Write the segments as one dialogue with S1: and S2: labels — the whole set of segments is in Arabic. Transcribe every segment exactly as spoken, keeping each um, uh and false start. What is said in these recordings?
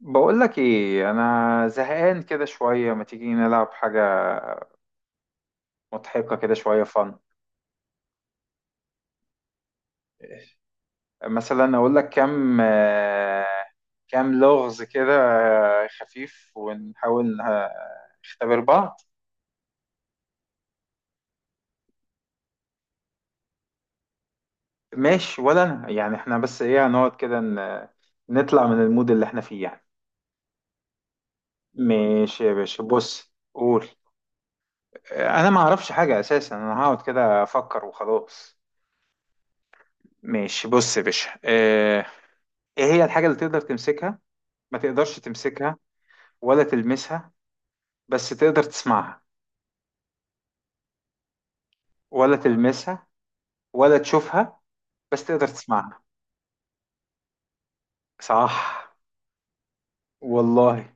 S1: بقولك ايه انا زهقان كده شوية، ما تيجي نلعب حاجة مضحكة كده شوية فن. مثلا اقولك كام آه، كام لغز كده. آه، خفيف ونحاول آه، نختبر بعض. ماشي ولا انا يعني، احنا بس ايه، هنقعد كده ن- نطلع من المود اللي احنا فيه يعني. ماشي يا باشا، بص قول. آه، انا ما اعرفش حاجة اساسا، انا هقعد كده افكر وخلاص. ماشي بص يا باشا. آه، ايه هي الحاجة اللي تقدر تمسكها، ما تقدرش تمسكها ولا تلمسها بس تقدر تسمعها؟ ولا تلمسها ولا تشوفها بس تقدر تسمعها. صح. والله.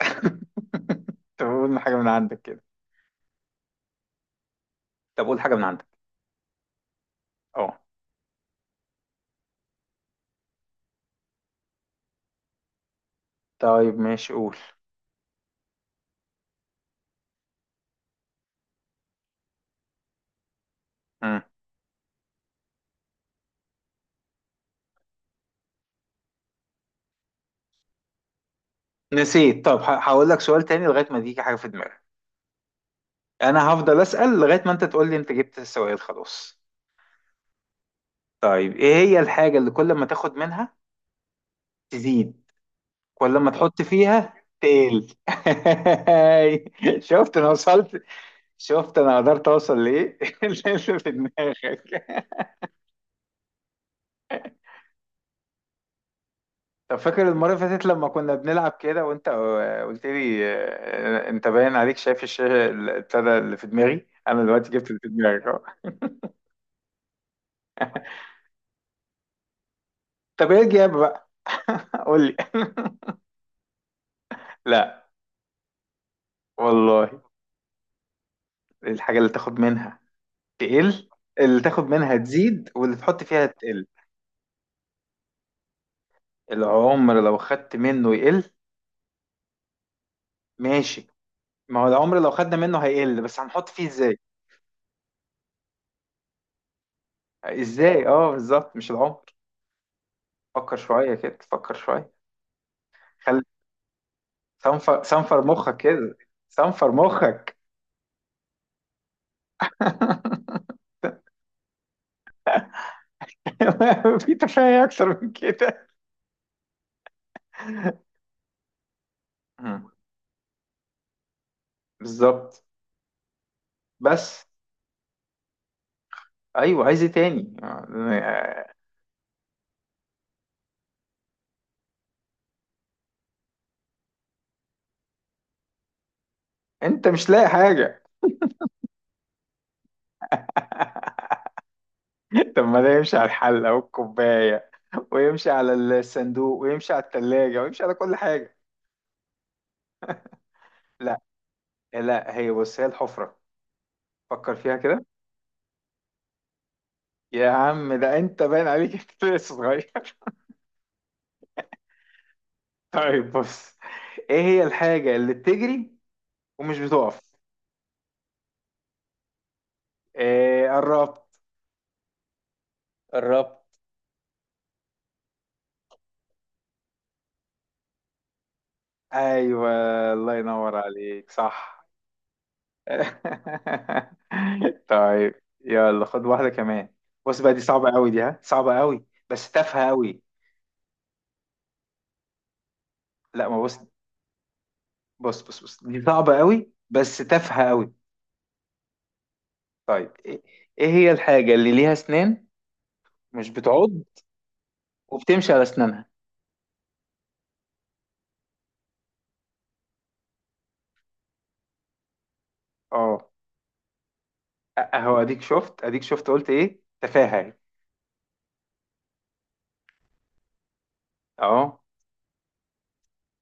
S1: طب قول حاجة من عندك كده. طب قول حاجة من عندك. اه. طيب ماشي قول. مم. نسيت. طب ه- هقول لك سؤال تاني لغاية ما تيجي حاجة في دماغك. انا هفضل اسأل لغاية ما انت تقول لي انت جبت السؤال خلاص. طيب ايه هي الحاجة اللي كل ما تاخد منها تزيد، كل ما تحط فيها تقل؟ شفت انا وصلت؟ شفت انا قدرت اوصل لايه اللي في دماغك. طب فاكر المره اللي فاتت لما كنا بنلعب كده وانت قلت لي آه، انت باين عليك شايف الشاشه اللي ابتدى اللي في دماغي؟ انا دلوقتي جبت اللي في دماغك اهو. طب ايه الجاب بقى؟ قول لي. لا. والله. الحاجه اللي تاخد منها تقل. اللي تاخد منها تزيد واللي تحط فيها تقل. العمر لو خدت منه يقل. ماشي. ما هو العمر لو خدنا منه هيقل، بس هنحط فيه ازاي؟ ازاي، اه بالظبط، مش العمر. فكر شوية كده، فكر شوية. خلي، صنفر صنفر مخك كده، صنفر مخك. في تفاهة أكتر من كده. مم. بالظبط. بس. أيوه، عايز إيه تاني؟ آه، أنت مش لاقي حاجة؟ طب ما ده يمشي على الحلة والكوباية، ويمشي على الصندوق، ويمشي على التلاجة، ويمشي على كل حاجة. لا لا، هي بص، هي الحفرة، فكر فيها كده. يا عم ده انت باين عليك انت لسه صغير. طيب بص، ايه هي الحاجة اللي بتجري ومش بتقف؟ ايه، قربت. قربت. ايوه، الله ينور عليك، صح. طيب يلا خد واحدة كمان. بص بقى دي صعبة قوي، دي ها صعبة قوي بس تافهة قوي. لا ما بص. بص بص بص، دي صعبة قوي بس تافهة قوي. طيب ايه. إيه هي الحاجة اللي ليها اسنان، مش بتعض وبتمشي على اسنانها؟ اه. اهو اديك شفت، اديك شفت، قلت ايه، تفاهه يعني. اهو،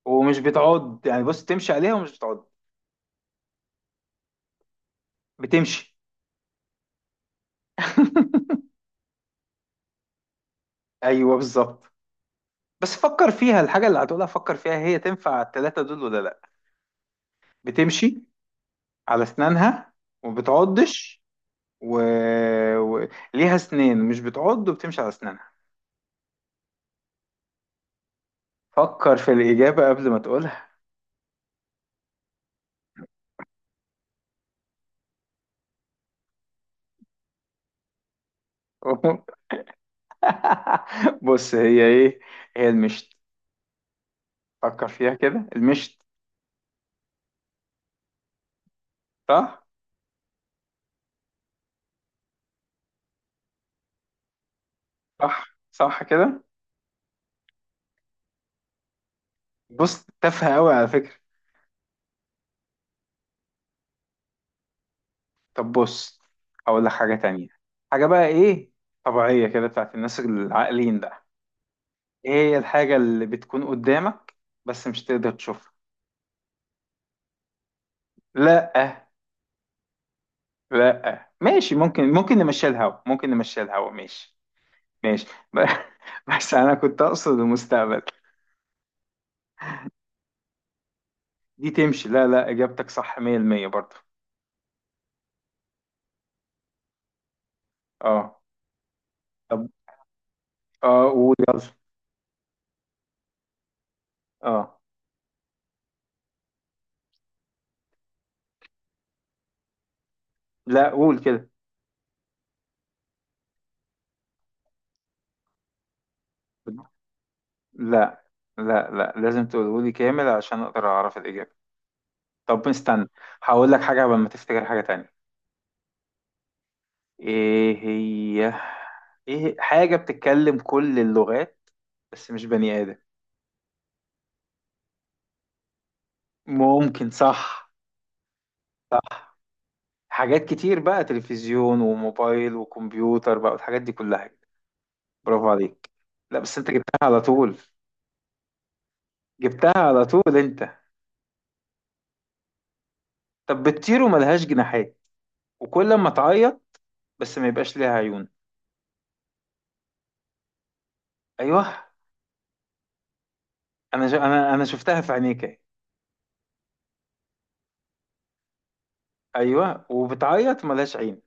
S1: ومش بتعض يعني، بص تمشي عليها ومش بتعض. بتمشي. ايوه بالظبط. بس فكر فيها الحاجه اللي هتقولها، فكر فيها، هي تنفع التلاته دول ولا لا. بتمشي على اسنانها وما بتعضش، و... و... ليها اسنان مش بتعض وبتمشي على اسنانها. فكر في الاجابه قبل ما تقولها. بص هي ايه. هي المشت. فكر فيها كده، المشت. صح. صح صح كده. بص تافهة أوي على فكرة. طب بص، هقول لك حاجة تانية. حاجة بقى إيه، طبيعية كده، بتاعت الناس العاقلين بقى. إيه هي الحاجة اللي بتكون قدامك، بس مش تقدر تشوفها؟ لأ. لأ ماشي، ممكن، ممكن نمشي الهوا، ممكن نمشي الهوا، ماشي. ماشي. ب- بس أنا كنت أقصد المستقبل. دي تمشي، لا لا، إجابتك صح مية بالمية برضه. أه. طب، أه قول يلا. أه. لا، قول كده. لا لا، لا لازم تقوله لي كامل عشان اقدر اعرف الاجابه. طب استنى، هقول لك حاجه قبل ما تفتكر حاجه تانية. ايه هي. ايه حاجه بتتكلم كل اللغات، بس مش بني ادم؟ ممكن. صح. صح، حاجات كتير بقى، تلفزيون وموبايل وكمبيوتر بقى والحاجات دي كلها. برافو عليك. لا بس انت جبتها على طول. جبتها على طول انت. طب بتطير وملهاش جناحات، وكل ما تعيط بس ما يبقاش ليها عيون. ايوه. انا شو انا انا شفتها في عينيك اهي. ايوه، وبتعيط ملهاش عين.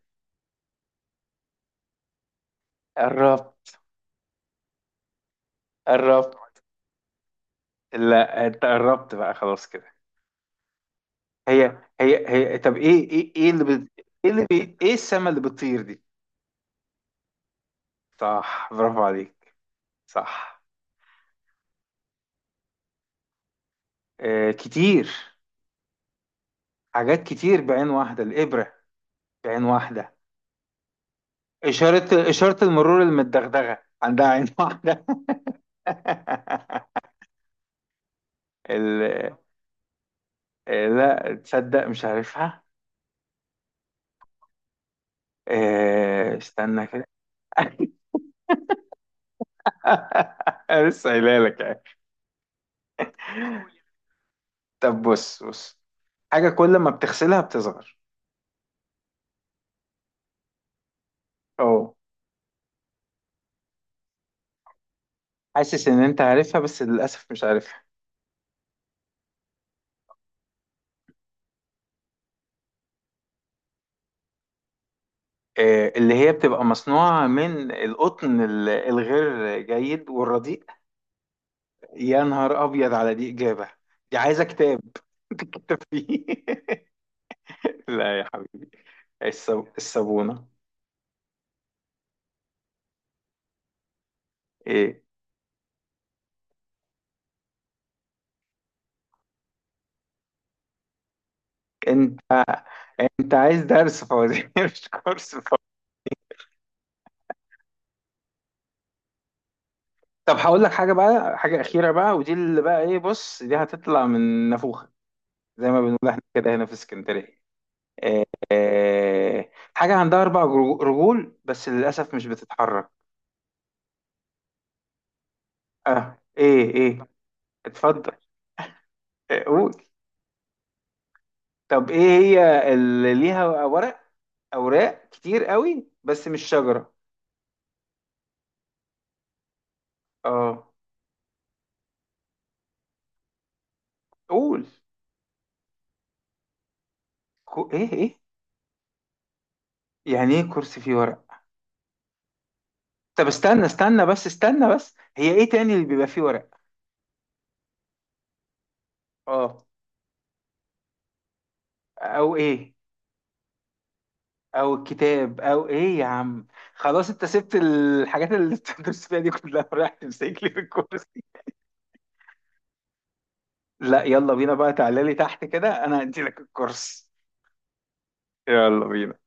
S1: قربت. قربت. لا، انت قربت بقى خلاص كده. هي. هي هي. طب ايه ايه، ايه اللي بت... ايه اللي بي... ايه السما اللي بتطير دي؟ صح، برافو عليك. صح. آه كتير. حاجات كتير بعين واحدة، الإبرة بعين واحدة. إشارة، إشارة المرور المدغدغة عندها عين واحدة. ال... آه، لا تصدق مش عارفها. آه، استنى كده. أنا لسه قايلها لك يعني. طب بص بص، حاجة كل ما بتغسلها بتصغر. اه. حاسس ان انت عارفها، بس للأسف مش عارفها. آه، اللي هي بتبقى مصنوعة من القطن ال- الغير جيد والرديء. يا نهار أبيض على دي إجابة. دي عايزة كتاب، كتاب فيه. لا يا حبيبي. الصب... الصابونة. ايه، انت انت عايز درس فوزي مش كورس. طب هقول لك حاجه بقى، حاجه اخيره بقى، ودي اللي بقى ايه، بص دي هتطلع من نافوخه، زي ما بنقول احنا كده هنا في اسكندريه. آه، آه، حاجه عندها اربع رجو- رجول، بس للاسف مش بتتحرك. اه، ايه ايه. اتفضل، آه، قول. طب ايه هي اللي ليها ورق، اوراق كتير قوي بس مش شجره؟ اه، قول. كو- ايه ايه. يعني ايه كرسي فيه ورق؟ طب استنى، استنى بس، استنى بس، هي ايه تاني اللي بيبقى فيه ورق؟ اه. او ايه، او الكتاب او ايه يا عم؟ خلاص، انت سبت الحاجات اللي بتدرس فيها دي كلها، ورايح تمسك لي في الكرسي. لا يلا بينا بقى، تعالى لي تحت كده، انا هدي لك الكرسي. يلا بينا.